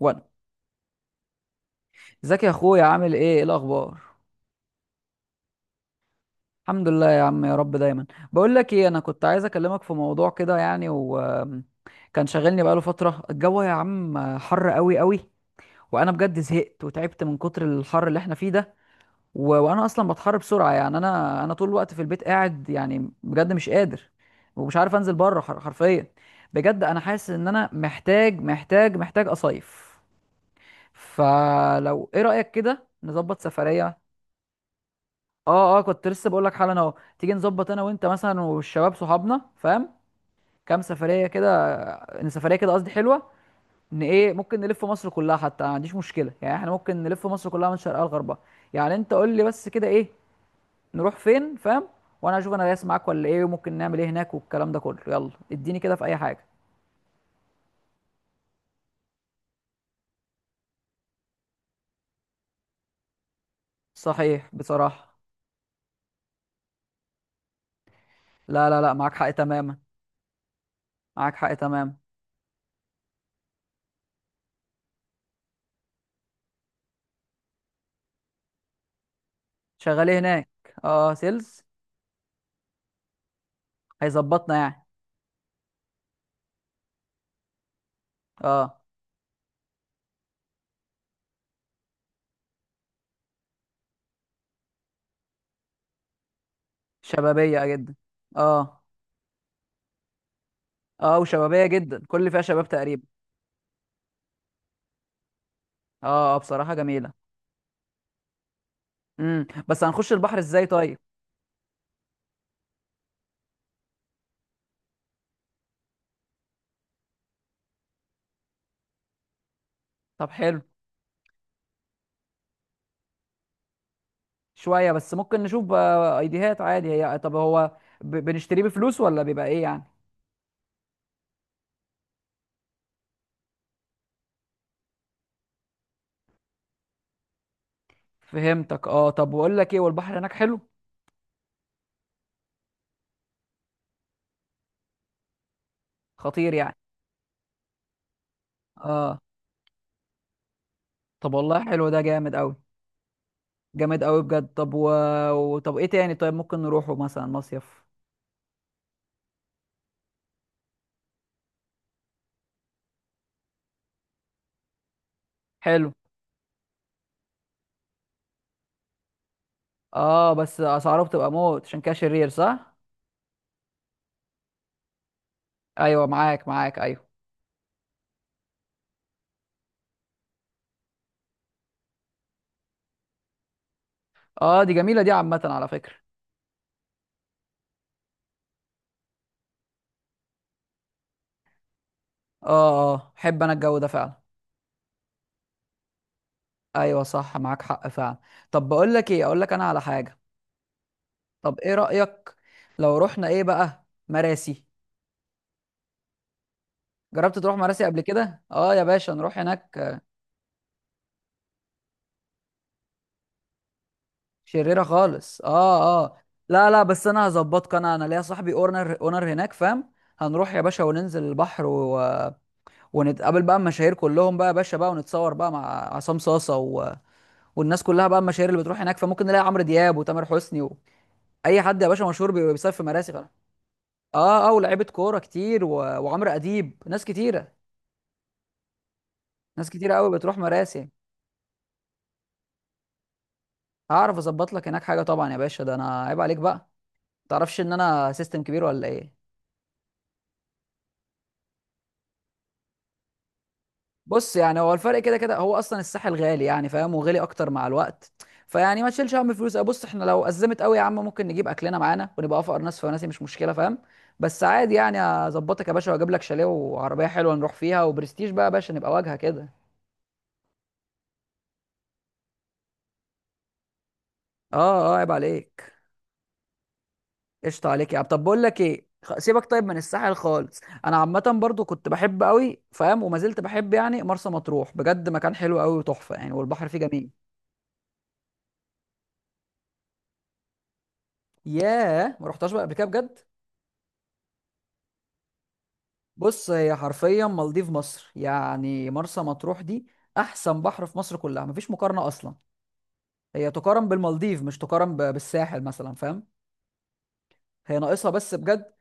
وانا، ازيك يا اخويا؟ عامل ايه؟ ايه الاخبار؟ الحمد لله يا عم، يا رب دايما. بقول لك ايه، انا كنت عايز اكلمك في موضوع كده يعني، وكان شاغلني بقاله فتره. الجو يا عم حر قوي قوي، وانا بجد زهقت وتعبت من كتر الحر اللي احنا فيه ده. وانا اصلا بتحر بسرعه يعني، انا طول الوقت في البيت قاعد، يعني بجد مش قادر ومش عارف انزل بره. حرفيا بجد انا حاسس ان انا محتاج محتاج محتاج اصيف. فلو ايه رايك كده نظبط سفريه. اه اه، كنت لسه بقول لك حالا اهو. تيجي نظبط انا وانت مثلا والشباب صحابنا، فاهم، كام سفريه كده. ان سفريه كده، قصدي حلوه، ان ايه ممكن نلف مصر كلها، حتى ما عنديش مشكله يعني. احنا ممكن نلف مصر كلها من شرقها لغربها. يعني انت قول لي بس كده ايه، نروح فين، فاهم، وانا اشوف انا دايس معاك ولا ايه، وممكن نعمل ايه هناك والكلام ده كله. يلا اديني كده في اي حاجه. صحيح بصراحه. لا لا لا، معاك حق تماما. معاك حق تماما. شغال إيه هناك؟ اه، سيلز. هيظبطنا يعني. اه. شبابيه جدا. اه اه، وشبابيه جدا، كل اللي فيها شباب تقريبا. اه اه، بصراحه جميله. بس هنخش البحر ازاي طيب؟ طب حلو. شويه بس ممكن نشوف. ايديهات عادي هي. طب هو بنشتريه بفلوس ولا بيبقى ايه يعني؟ فهمتك اه. طب بقول لك ايه، والبحر هناك حلو؟ خطير يعني. اه. طب والله حلو، ده جامد قوي. جامد قوي بجد. طب ايه تاني طيب؟ ممكن نروحه مثلا مصيف؟ حلو. اه، بس اسعاره بتبقى موت، عشان كده شرير صح. ايوه معاك معاك ايوه. اه دي جميله، دي عامه على فكره. اه اه، احب انا الجو ده فعلا. ايوه صح، معاك حق فعلا. طب بقول لك ايه، اقول لك انا على حاجه. طب ايه رايك لو رحنا ايه بقى، مراسي؟ جربت تروح مراسي قبل كده؟ اه يا باشا نروح هناك. شريره خالص اه اه. لا لا، بس انا هظبطك، انا انا ليا صاحبي اونر اونر هناك، فاهم. هنروح يا باشا وننزل البحر. ونتقابل بقى المشاهير كلهم بقى يا باشا بقى، ونتصور بقى مع عصام صاصه. والناس كلها بقى، المشاهير اللي بتروح هناك، فممكن نلاقي عمرو دياب وتامر حسني. اي حد يا باشا مشهور بيصيف في مراسي. اه اه، ولاعيبه كوره كتير. وعمرو اديب، ناس كتيره. ناس كتيره قوي بتروح مراسي. هعرف اظبط لك هناك حاجه طبعا يا باشا، ده انا عيب عليك بقى. تعرفش ان انا سيستم كبير ولا ايه؟ بص يعني، هو الفرق كده كده، هو اصلا الساحل غالي يعني فاهم، وغالي اكتر مع الوقت. فيعني ما تشيلش هم الفلوس. بص، احنا لو ازمت قوي يا عم، ممكن نجيب اكلنا معانا ونبقى افقر ناس، فناسي مش مشكله، فاهم. بس عادي يعني، اظبطك يا باشا، واجيب لك شاليه وعربيه حلوه نروح فيها، وبرستيج بقى يا باشا، نبقى واجهه كده. اه اه، عيب عليك. قشطة عليك يا عم. طب بقول لك ايه، سيبك طيب من الساحل خالص. انا عامة برضو كنت بحب قوي، فاهم، وما زلت بحب يعني، مرسى مطروح بجد مكان حلو قوي وتحفة يعني، والبحر فيه جميل. ياه، ما رحتهاش بقى قبل كده بجد؟ بص، هي حرفيا مالديف مصر يعني، مرسى مطروح دي. احسن بحر في مصر كلها، مفيش مقارنة اصلا. هي تقارن بالمالديف، مش تقارن بالساحل مثلا، فاهم. هي ناقصها بس بجد.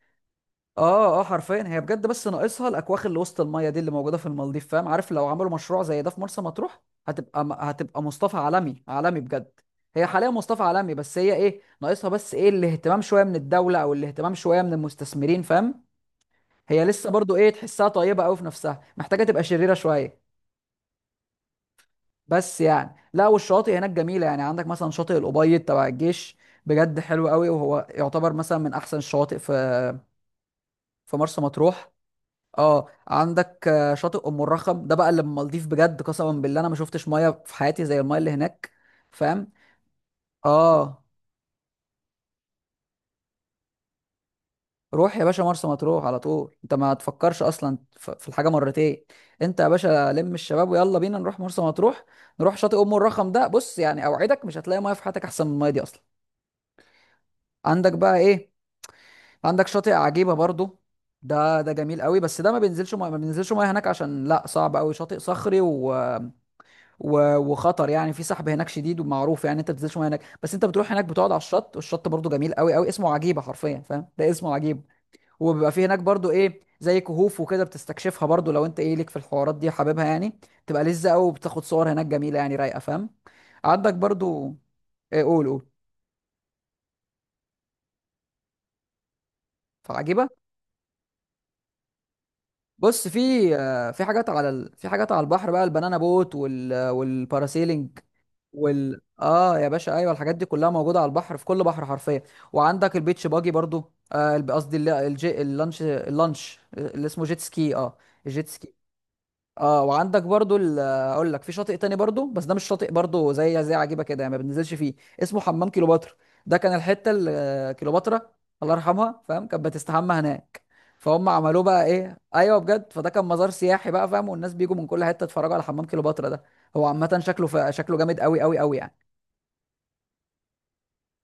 اه اه، حرفيا هي بجد، بس ناقصها الاكواخ اللي وسط الميه دي، اللي موجوده في المالديف، فاهم. عارف لو عملوا مشروع زي ده في مرسى مطروح، هتبقى مصطفى عالمي عالمي بجد. هي حاليا مصطفى عالمي، بس هي ايه ناقصها، بس ايه الاهتمام شويه من الدوله او الاهتمام شويه من المستثمرين، فاهم. هي لسه برضو ايه، تحسها طيبه قوي في نفسها، محتاجه تبقى شريره شويه. بس يعني لا، والشواطئ هناك جميله يعني. عندك مثلا شاطئ الابيض تبع الجيش، بجد حلو قوي، وهو يعتبر مثلا من احسن الشواطئ في في مرسى مطروح. اه، عندك شاطئ ام الرخم ده بقى، اللي المالديف بجد. قسما بالله انا ما شفتش ميه في حياتي زي الميه اللي هناك، فاهم. اه. روح يا باشا مرسى مطروح على طول، انت ما تفكرش اصلا في الحاجه مرتين. انت يا باشا لم الشباب ويلا بينا نروح مرسى مطروح. نروح شاطئ ام الرخم ده، بص يعني اوعدك مش هتلاقي ميه في حياتك احسن من الميه دي اصلا. عندك بقى ايه؟ عندك شاطئ عجيبه برضو. ده ده جميل قوي، بس ده ما بينزلش ميه، ما بينزلش ميه هناك، عشان لا صعب قوي، شاطئ صخري وخطر يعني. في سحب هناك شديد ومعروف يعني، انت ما بتنزلش ميه هناك. بس انت بتروح هناك بتقعد على الشط، والشط برضو جميل قوي قوي. اسمه عجيبه حرفيا، فاهم، ده اسمه عجيب. وبيبقى في هناك برضو ايه زي كهوف وكده، بتستكشفها برضو لو انت ايه ليك في الحوارات دي حاببها يعني. تبقى لذة قوي، وبتاخد صور هناك جميله يعني رايقه، فاهم. عندك برضو ايه، قول قول. فعجيبه. بص في. في حاجات على البحر بقى، البنانا بوت والباراسيلينج وال اه يا باشا ايوه، الحاجات دي كلها موجوده على البحر، في كل بحر حرفيا. وعندك البيتش باجي برضو. قصدي اللانش، اللانش اللي اسمه جيت سكي اه، الجيت سكي. اه، وعندك برضو اقول لك في شاطئ تاني برضو، بس ده مش شاطئ برضو زي زي عجيبه كده يعني، ما بننزلش فيه. اسمه حمام كيلوباترا. ده كان الحته اللي كيلوباترا، الله يرحمها، فاهم، كانت بتستحمى هناك. فهم عملوه بقى ايه، ايوه بجد. فده كان مزار سياحي بقى، فاهم، والناس بيجوا من كل حته يتفرجوا على حمام كيلوباترا ده. هو عامه شكله شكله جامد قوي قوي قوي يعني.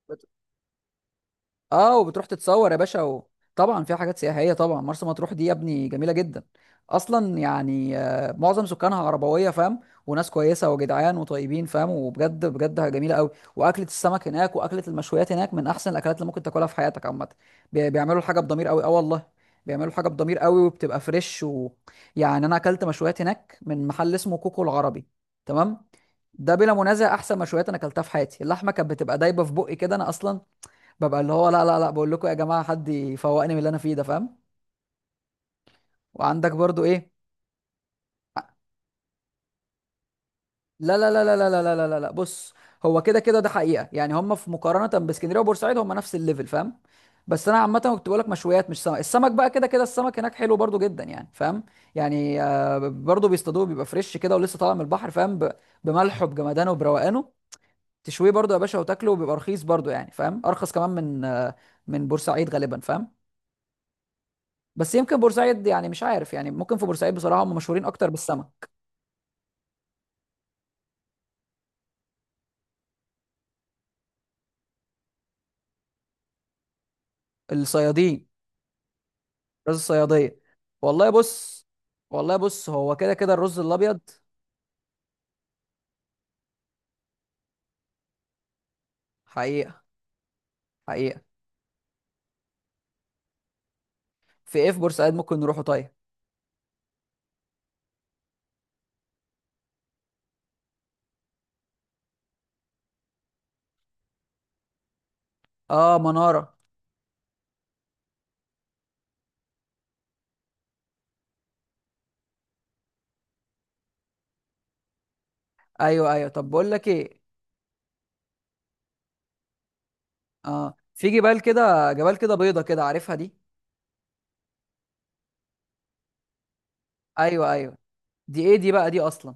بت... اه، وبتروح تتصور يا باشا. طبعا فيها حاجات سياحيه، طبعا مرسى مطروح دي يا ابني جميله جدا اصلا يعني. معظم سكانها عربويه، فاهم، وناس كويسه وجدعان وطيبين، فاهم، وبجد بجد جميله قوي. واكله السمك هناك واكله المشويات هناك من احسن الاكلات اللي ممكن تاكلها في حياتك عامه. بيعملوا الحاجه بضمير قوي اه والله. بيعملوا حاجه بضمير قوي، وبتبقى فريش. يعني انا اكلت مشويات هناك من محل اسمه كوكو العربي، تمام، ده بلا منازع احسن مشويات انا اكلتها في حياتي. اللحمه كانت بتبقى دايبه في بقي كده. انا اصلا ببقى اللي هو لا لا لا، بقول لكم يا جماعه حد يفوقني من اللي انا فيه ده، فاهم. وعندك برضو ايه. لا لا لا لا لا لا لا لا لا لا. بص، هو كده كده ده حقيقه يعني، هم في مقارنه باسكندريه وبورسعيد هم نفس الليفل، فاهم. بس انا عامه كنت بقول لك مشويات مش سمك. السمك بقى كده كده، السمك هناك حلو برضو جدا يعني، فاهم. يعني برضو بيصطادوه، بيبقى فريش كده ولسه طالع من البحر، فاهم. بملحه بجمدانه وبروقانه، تشويه برضو يا باشا وتاكله، وبيبقى رخيص برضو يعني، فاهم، ارخص كمان من من بورسعيد غالبا، فاهم. بس يمكن بورسعيد يعني، مش عارف يعني، ممكن في بورسعيد بصراحه هم مشهورين اكتر بالسمك. الصيادين. رز الصياديه. والله بص. والله بص، هو كده كده الرز الابيض. حقيقه. حقيقه. في ايه في بورسعيد ممكن نروحه طيب؟ اه، مناره. ايوه ايوه، طب بقول لك ايه. اه، في جبال كده، جبال كده بيضه كده، عارفها دي؟ ايوه ايوه. دي ايه دي بقى دي اصلا؟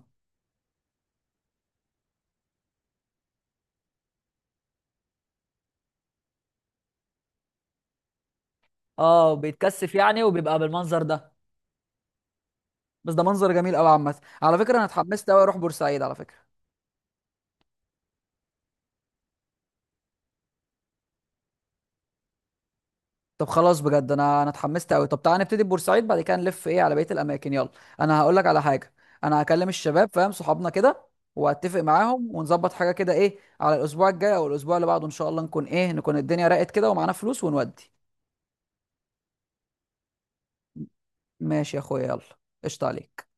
اه، بيتكثف يعني وبيبقى بالمنظر ده. بس ده منظر جميل قوي عامه. على فكره انا اتحمست قوي اروح بورسعيد على فكره. طب خلاص بجد انا انا اتحمست قوي. طب تعالى نبتدي ببورسعيد، بعد كده نلف ايه على بقيه الاماكن، يلا. انا هقول لك على حاجه. انا هكلم الشباب، فاهم، صحابنا كده، واتفق معاهم ونظبط حاجه كده ايه على الاسبوع الجاي او الاسبوع اللي بعده، ان شاء الله نكون ايه، نكون الدنيا راقت كده ومعانا فلوس، ونودي. ماشي يا اخويا يلا، قشطه عليك.